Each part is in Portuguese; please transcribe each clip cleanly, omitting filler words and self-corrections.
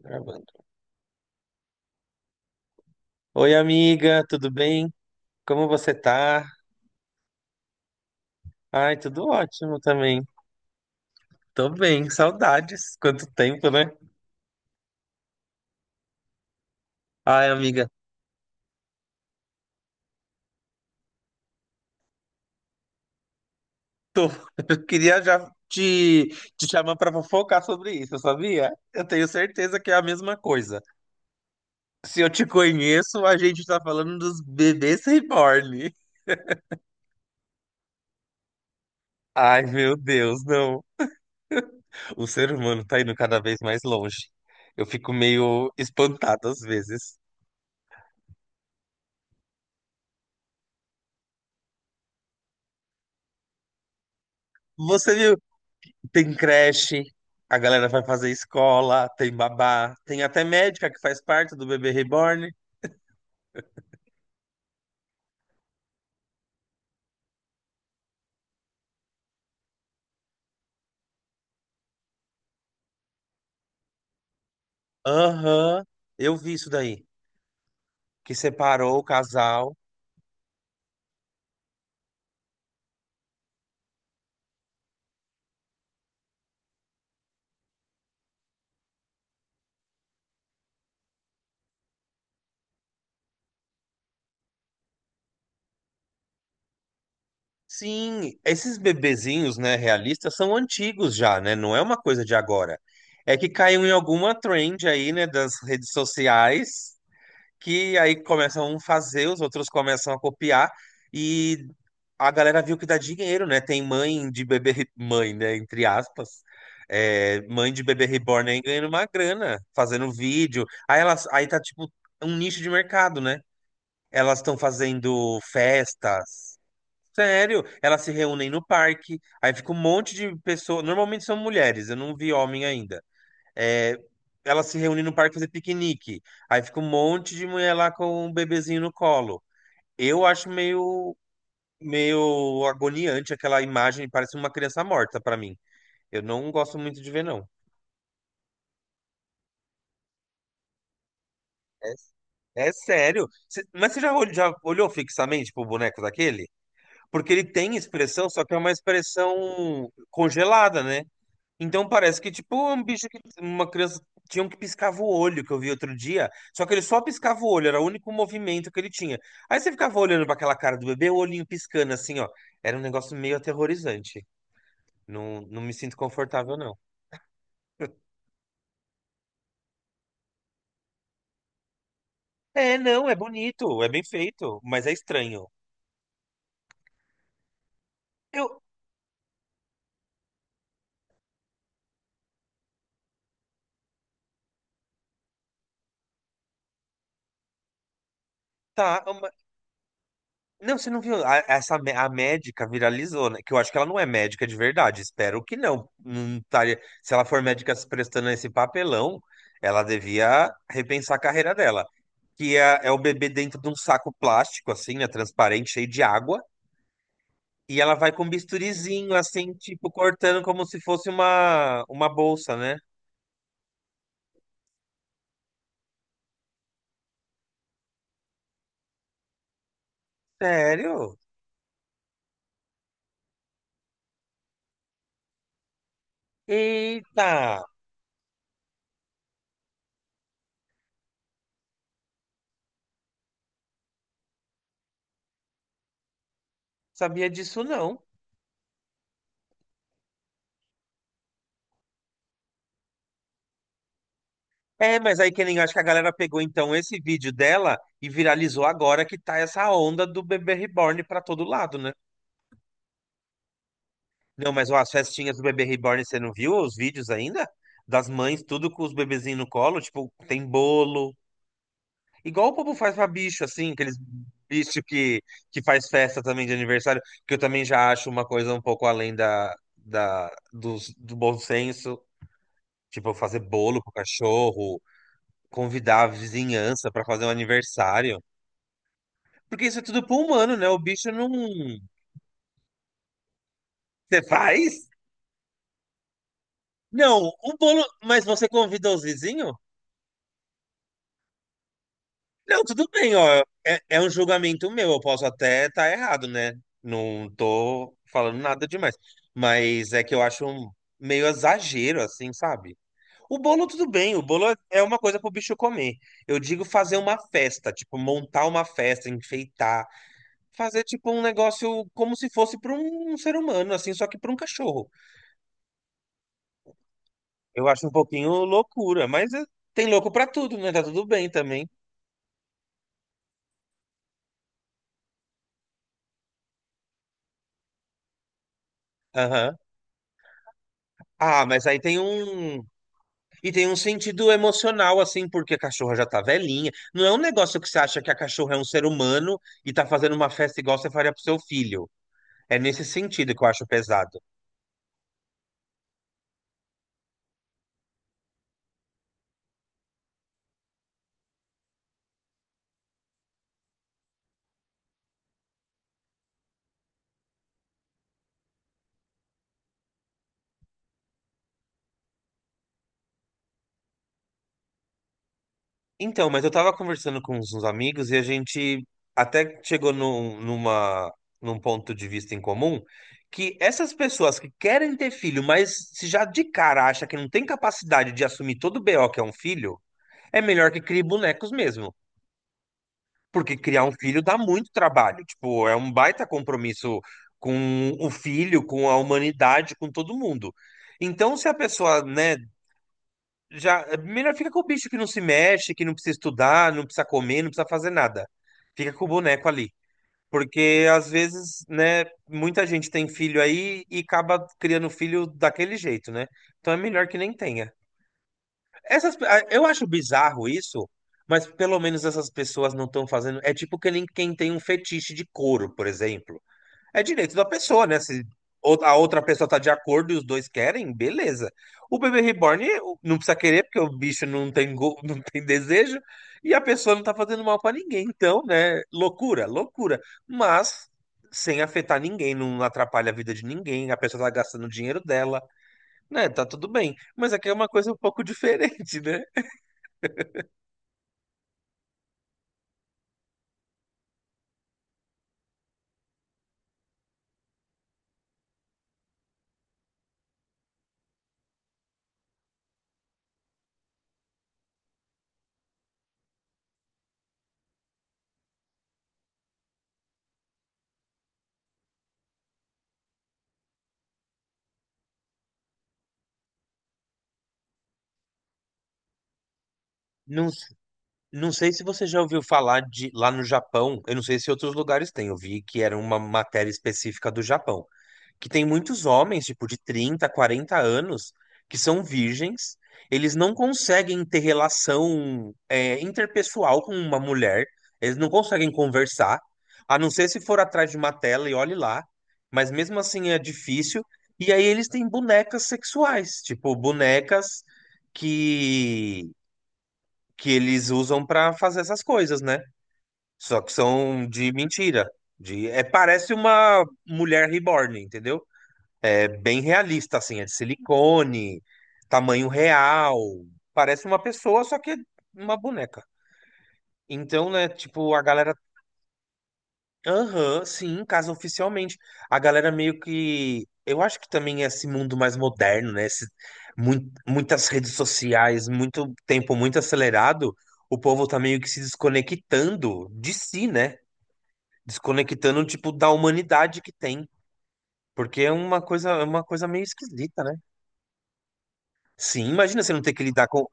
Gravando. Oi, amiga, tudo bem? Como você tá? Ai, tudo ótimo também. Tô bem, saudades. Quanto tempo, né? Ai, amiga, tô. Eu queria já te, te chamar pra fofocar sobre isso, sabia? Eu tenho certeza que é a mesma coisa. Se eu te conheço, a gente tá falando dos bebês reborn. Ai, meu Deus, não. O ser humano tá indo cada vez mais longe. Eu fico meio espantado às vezes. Você tem creche, a galera vai fazer escola, tem babá, tem até médica que faz parte do bebê reborn. Aham, eu vi isso daí, que separou o casal. Sim, esses bebezinhos, né, realistas, são antigos já, né? Não é uma coisa de agora. É que caiu em alguma trend aí, né, das redes sociais. Que aí começam a um fazer, os outros começam a copiar e a galera viu que dá dinheiro, né? Tem mãe de bebê, re- mãe, né? Entre aspas. É, mãe de bebê reborn aí ganhando uma grana, fazendo vídeo. Aí elas, aí tá tipo um nicho de mercado, né? Elas estão fazendo festas. Sério, elas se reúnem no parque, aí fica um monte de pessoas. Normalmente são mulheres, eu não vi homem ainda. É, ela se reúne no parque fazer piquenique. Aí fica um monte de mulher lá com um bebezinho no colo. Eu acho meio, meio agoniante aquela imagem, parece uma criança morta pra mim. Eu não gosto muito de ver, não. É, é sério. Cê- mas você já, ol- já olhou fixamente pro boneco daquele? Porque ele tem expressão, só que é uma expressão congelada, né? Então parece que, tipo, um bicho que uma criança tinha um que piscava o olho, que eu vi outro dia. Só que ele só piscava o olho, era o único movimento que ele tinha. Aí você ficava olhando pra aquela cara do bebê, o olhinho piscando assim, ó. Era um negócio meio aterrorizante. Não, não me sinto confortável, não. É, não, é bonito, é bem feito, mas é estranho. Eu, tá, não, você não viu? A, essa, mé- a médica viralizou, né? Que eu acho que ela não é médica de verdade. Espero que não. Não estaria- se ela for médica se prestando a esse papelão, ela devia repensar a carreira dela. Que é, é o bebê dentro de um saco plástico, assim, né? Transparente, cheio de água. E ela vai com um bisturizinho, assim, tipo, cortando como se fosse uma bolsa, né? Sério? Eita! Sabia disso não. É, mas aí que nem acho que a galera pegou então esse vídeo dela e viralizou agora que tá essa onda do bebê reborn pra todo lado, né? Não, mas ó, as festinhas do bebê reborn, você não viu os vídeos ainda? Das mães, tudo com os bebezinhos no colo, tipo, tem bolo. Igual o povo faz pra bicho, assim, aqueles bichos que faz festa também de aniversário, que eu também já acho uma coisa um pouco além do bom senso. Tipo, fazer bolo pro cachorro, convidar a vizinhança pra fazer um aniversário. Porque isso é tudo pro humano, né? O bicho não. Você faz? Não, o bolo. Mas você convida os vizinhos? Não, tudo bem, ó. É, é um julgamento meu, eu posso até estar errado, né? Não tô falando nada demais. Mas é que eu acho um meio exagero, assim, sabe? O bolo, tudo bem, o bolo é uma coisa pro bicho comer. Eu digo fazer uma festa, tipo, montar uma festa, enfeitar. Fazer, tipo, um negócio como se fosse para um ser humano, assim, só que para um cachorro. Eu acho um pouquinho loucura, mas é, tem louco pra tudo, né? Tá tudo bem também. Aham. Ah, mas aí tem um. E tem um sentido emocional, assim, porque a cachorra já tá velhinha. Não é um negócio que você acha que a cachorra é um ser humano e tá fazendo uma festa igual você faria pro seu filho. É nesse sentido que eu acho pesado. Então, mas eu tava conversando com uns amigos e a gente até chegou num ponto de vista em comum que essas pessoas que querem ter filho, mas se já de cara acha que não tem capacidade de assumir todo o BO que é um filho, é melhor que crie bonecos mesmo. Porque criar um filho dá muito trabalho. Tipo, é um baita compromisso com o filho, com a humanidade, com todo mundo. Então, se a pessoa, né, já, melhor fica com o bicho que não se mexe, que não precisa estudar, não precisa comer, não precisa fazer nada. Fica com o boneco ali. Porque às vezes, né, muita gente tem filho aí e acaba criando filho daquele jeito, né? Então é melhor que nem tenha. Essas, ah, eu acho bizarro isso, mas pelo menos essas pessoas não estão fazendo. É tipo que nem quem tem um fetiche de couro, por exemplo. É direito da pessoa, né? Se ou- a outra pessoa tá de acordo e os dois querem, beleza. O bebê reborn não precisa querer, porque o bicho não tem, não tem desejo, e a pessoa não tá fazendo mal pra ninguém. Então, né? Loucura, loucura. Mas sem afetar ninguém, não atrapalha a vida de ninguém, a pessoa tá gastando o dinheiro dela, né? Tá tudo bem. Mas aqui é uma coisa um pouco diferente, né? Não, não sei se você já ouviu falar de lá no Japão, eu não sei se outros lugares têm, eu vi que era uma matéria específica do Japão. Que tem muitos homens, tipo, de 30, 40 anos, que são virgens, eles não conseguem ter relação, interpessoal com uma mulher, eles não conseguem conversar, a não ser se for atrás de uma tela e olhe lá, mas mesmo assim é difícil. E aí eles têm bonecas sexuais, tipo, bonecas que, que eles usam pra fazer essas coisas, né? Só que são de mentira. Parece uma mulher reborn, entendeu? É bem realista, assim, é de silicone, tamanho real. Parece uma pessoa, só que é uma boneca. Então, né, tipo, a galera. Aham, sim, casa oficialmente. A galera meio que. Eu acho que também é esse mundo mais moderno, né? Esse muitas redes sociais, muito tempo muito acelerado. O povo tá meio que se desconectando de si, né? Desconectando, tipo, da humanidade que tem. Porque é uma coisa meio esquisita, né? Sim, imagina você não ter que lidar com.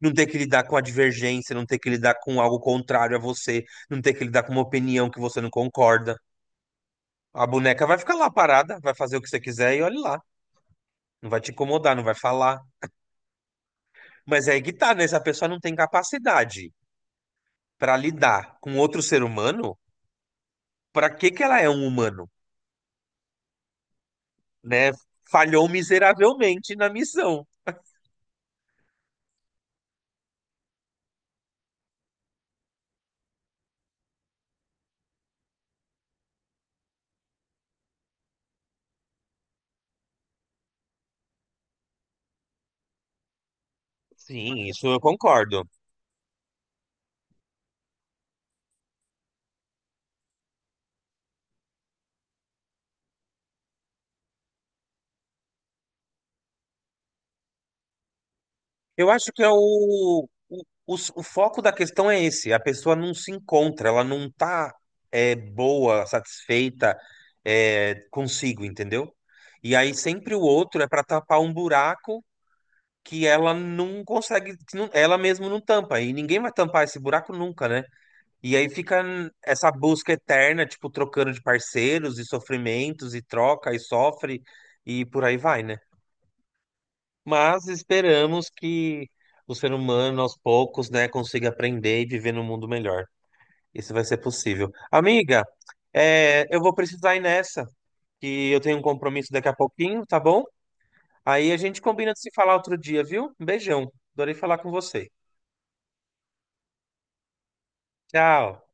Não ter que lidar com a divergência, não ter que lidar com algo contrário a você, não ter que lidar com uma opinião que você não concorda. A boneca vai ficar lá parada, vai fazer o que você quiser e olhe lá. Não vai te incomodar, não vai falar. Mas é aí é que tá, né? Se a pessoa não tem capacidade para lidar com outro ser humano, para que que ela é um humano, né? Falhou miseravelmente na missão. Sim, isso eu concordo. Eu acho que é o foco da questão é esse. A pessoa não se encontra, ela não tá boa, satisfeita consigo, entendeu? E aí sempre o outro é para tapar um buraco que ela não consegue, que não- ela mesma não tampa. E ninguém vai tampar esse buraco nunca, né? E aí fica essa busca eterna, tipo, trocando de parceiros e sofrimentos e troca e sofre e por aí vai, né? Mas esperamos que o ser humano, aos poucos, né, consiga aprender e viver num mundo melhor. Isso vai ser possível. Amiga, é, eu vou precisar ir nessa, que eu tenho um compromisso daqui a pouquinho, tá bom? Aí a gente combina de se falar outro dia, viu? Um beijão. Adorei falar com você. Tchau.